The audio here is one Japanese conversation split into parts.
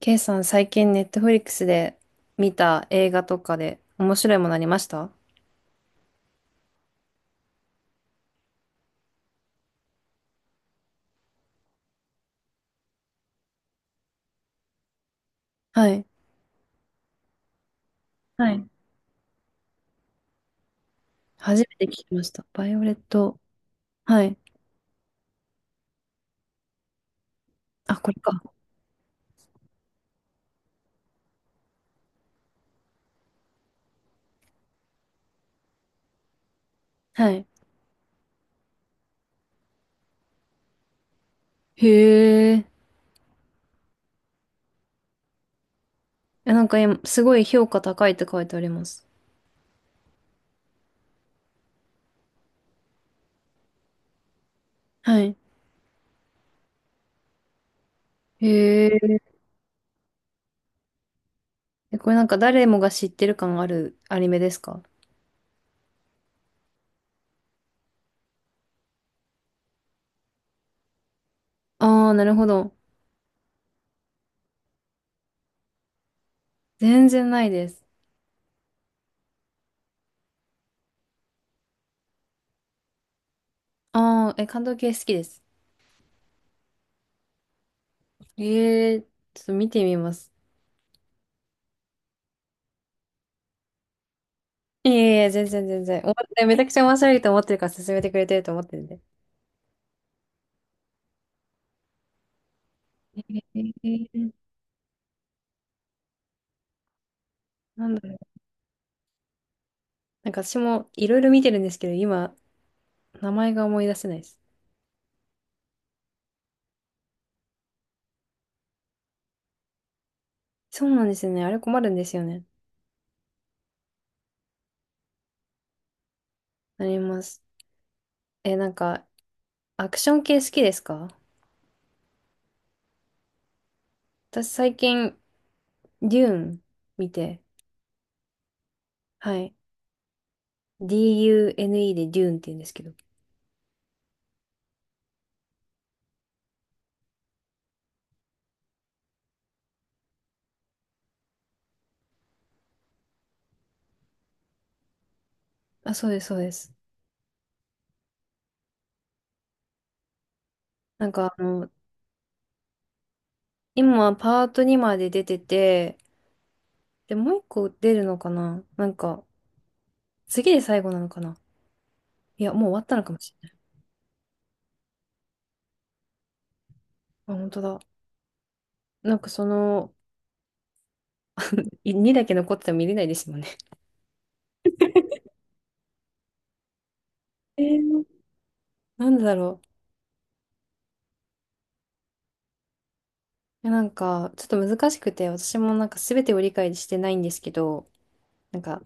K さん、最近ネットフリックスで見た映画とかで面白いものありました？はい。はい。初めて聞きました。バイオレット。はい。あ、これか。はい。へえ。え、なんか今、すごい評価高いって書いてあります。はい。へえ。え、これなんか誰もが知ってる感あるアニメですか？ああー、なるほど。全然ないです。ああ、え、監督系好きです。ええ、ちょっと見てみます。いえいえ、全然全然。めちゃくちゃ面白いと思ってるから勧めてくれてると思ってるんで。えー、なんだろう。なんか私もいろいろ見てるんですけど、今、名前が思い出せないです。そうなんですよね。あれ困るんですよね。なります。なんか、アクション系好きですか？私最近、デューン見て、はい。DUNE でデューンって言うんですけど。あ、そうです、そうです。なんか、今、パート2まで出てて、で、もう一個出るのかな？なんか、次で最後なのかな？いや、もう終わったのかもしれない。あ、本当だ。なんかその、2だけ残ってても見れないですもんね。えー、なんでだろう。いや、なんか、ちょっと難しくて、私もなんか全てを理解してないんですけど、なんか、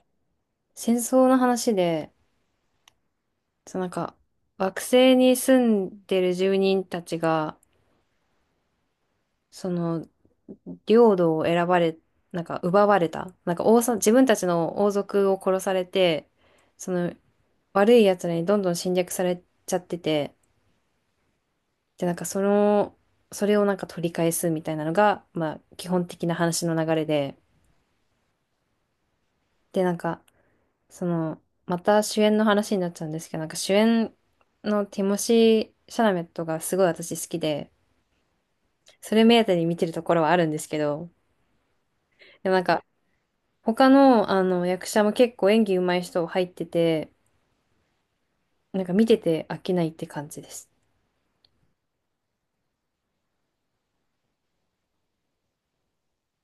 戦争の話で、そのなんか、惑星に住んでる住人たちが、その、領土を選ばれ、なんか奪われた。なんか自分たちの王族を殺されて、その、悪い奴らにどんどん侵略されちゃってて、で、なんかその、それをなんか取り返すみたいなのが、まあ基本的な話の流れで、で、なんか、その、また主演の話になっちゃうんですけど、なんか主演のティモシー・シャラメットがすごい私好きで、それ目当てに見てるところはあるんですけど、でもなんか、他の、あの役者も結構演技上手い人入ってて、なんか見てて飽きないって感じです。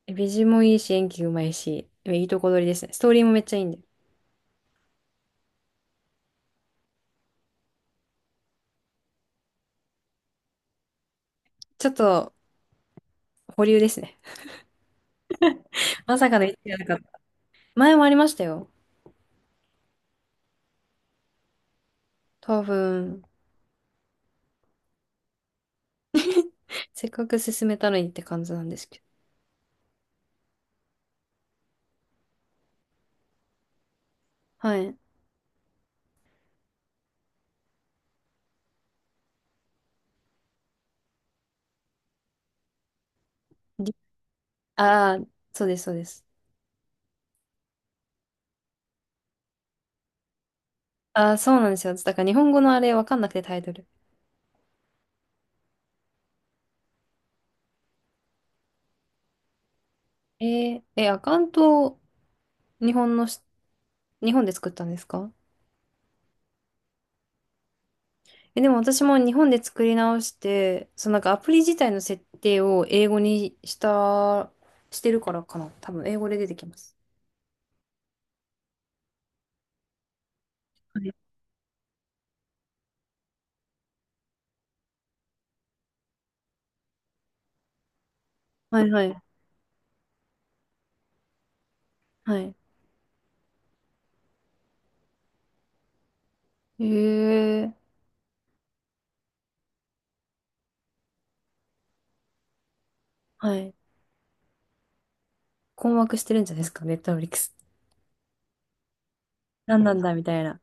美人もいいし、演技上手いし、いいとこ取りですね。ストーリーもめっちゃいいんで。ちょっと、保留ですね。まさかの一位じゃなかった？前もありましたよ。多分、せっかく進めたのにって感じなんですけど。はい。りああ、そうです、そうです。ああ、そうなんですよ。だから日本語のあれわかんなくてタイトル。ええ、アカウントを日本のし、日本で作ったんですか？え、でも私も日本で作り直して、そのなんかアプリ自体の設定を英語にした、してるからかな。多分英語で出てきます。はい、はい、はい。はい。えー、はい。困惑してるんじゃないですか、ネットフリックス。何なんだみたいな。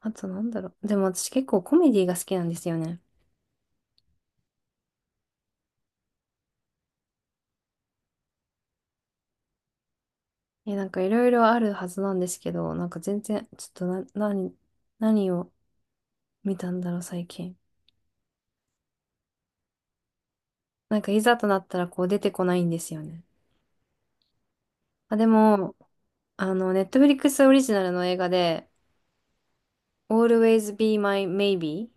あとなんだろう。でも私結構コメディが好きなんですよね。え、なんかいろいろあるはずなんですけど、なんか全然、ちょっとな、何、何を見たんだろう、最近。なんかいざとなったらこう出てこないんですよね。あ、でも、あの、ネットフリックスオリジナルの映画で、Always Be My Maybe?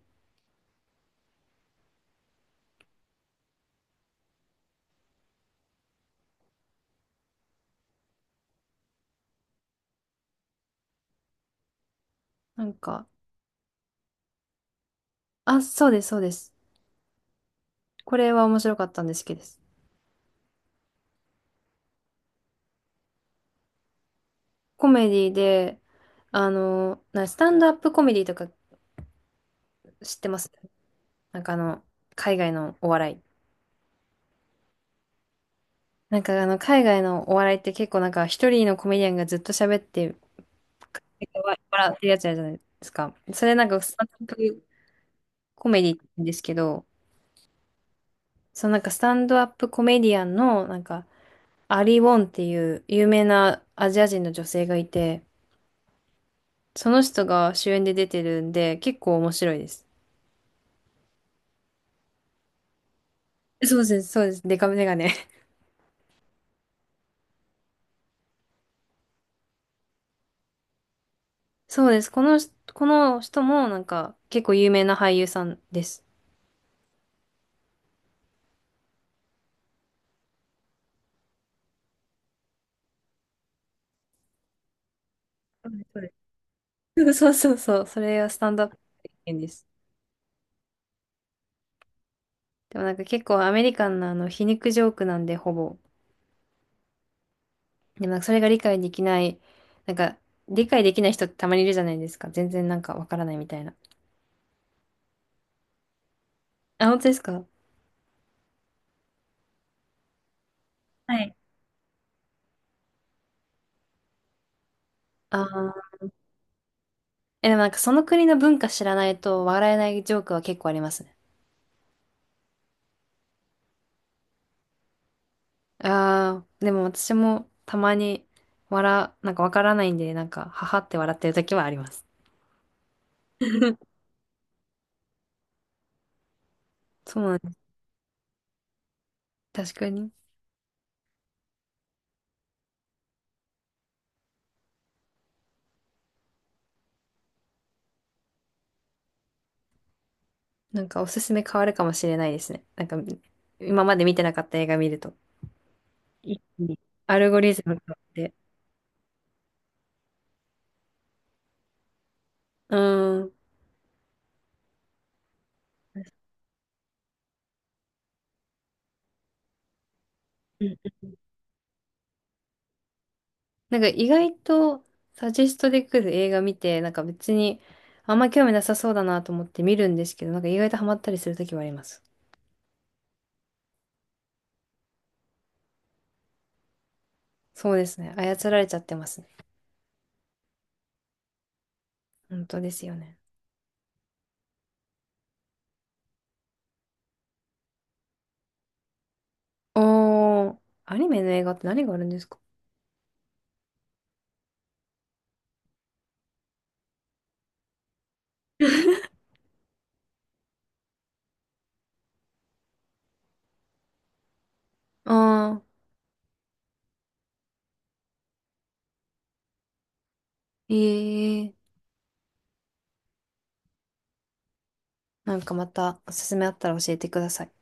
なんか、あ、そうです、そうです。これは面白かったんですけどです。コメディで、あの、スタンドアップコメディとか知ってます？なんかあの、海外のお笑い。なんかあの、海外のお笑いって結構なんか一人のコメディアンがずっと喋って、笑ってるやつあるじゃないですか。それなんかスタンドアップコメディって言うんですけど、そのなんかスタンドアップコメディアンのなんかアリ・ウォンっていう有名なアジア人の女性がいて、その人が主演で出てるんで結構面白いです。そうです、そうです。デカメガネ。そうです。この人もなんか結構有名な俳優さんです。そうです。そうです そうそうそう。それがスタンドアップコメです。でもなんか結構アメリカンなあの皮肉ジョークなんでほぼ。でもなんかそれが理解できない、なんか理解できない人ってたまにいるじゃないですか。全然なんかわからないみたいな。あ、本当ですか？はい。ああ、え、でもなんかその国の文化知らないと笑えないジョークは結構ありますね。ああ、でも私もたまになんかわからないんで、なんか、ははって笑ってる時はあります。そうなんです。確かに。なんかおすすめ変わるかもしれないですね。なんか今まで見てなかった映画見ると。一気にアルゴリズムがあって。うん。うんうん。なんか意外とサジェストで来る映画見て、なんか別にあんま興味なさそうだなと思って見るんですけど、なんか意外とハマったりするときはあります。そうですね。操られちゃってますね。本当ですよね。おー、アニメの映画って何があるんですか？ あー、ええー、なんかまたおすすめあったら教えてください。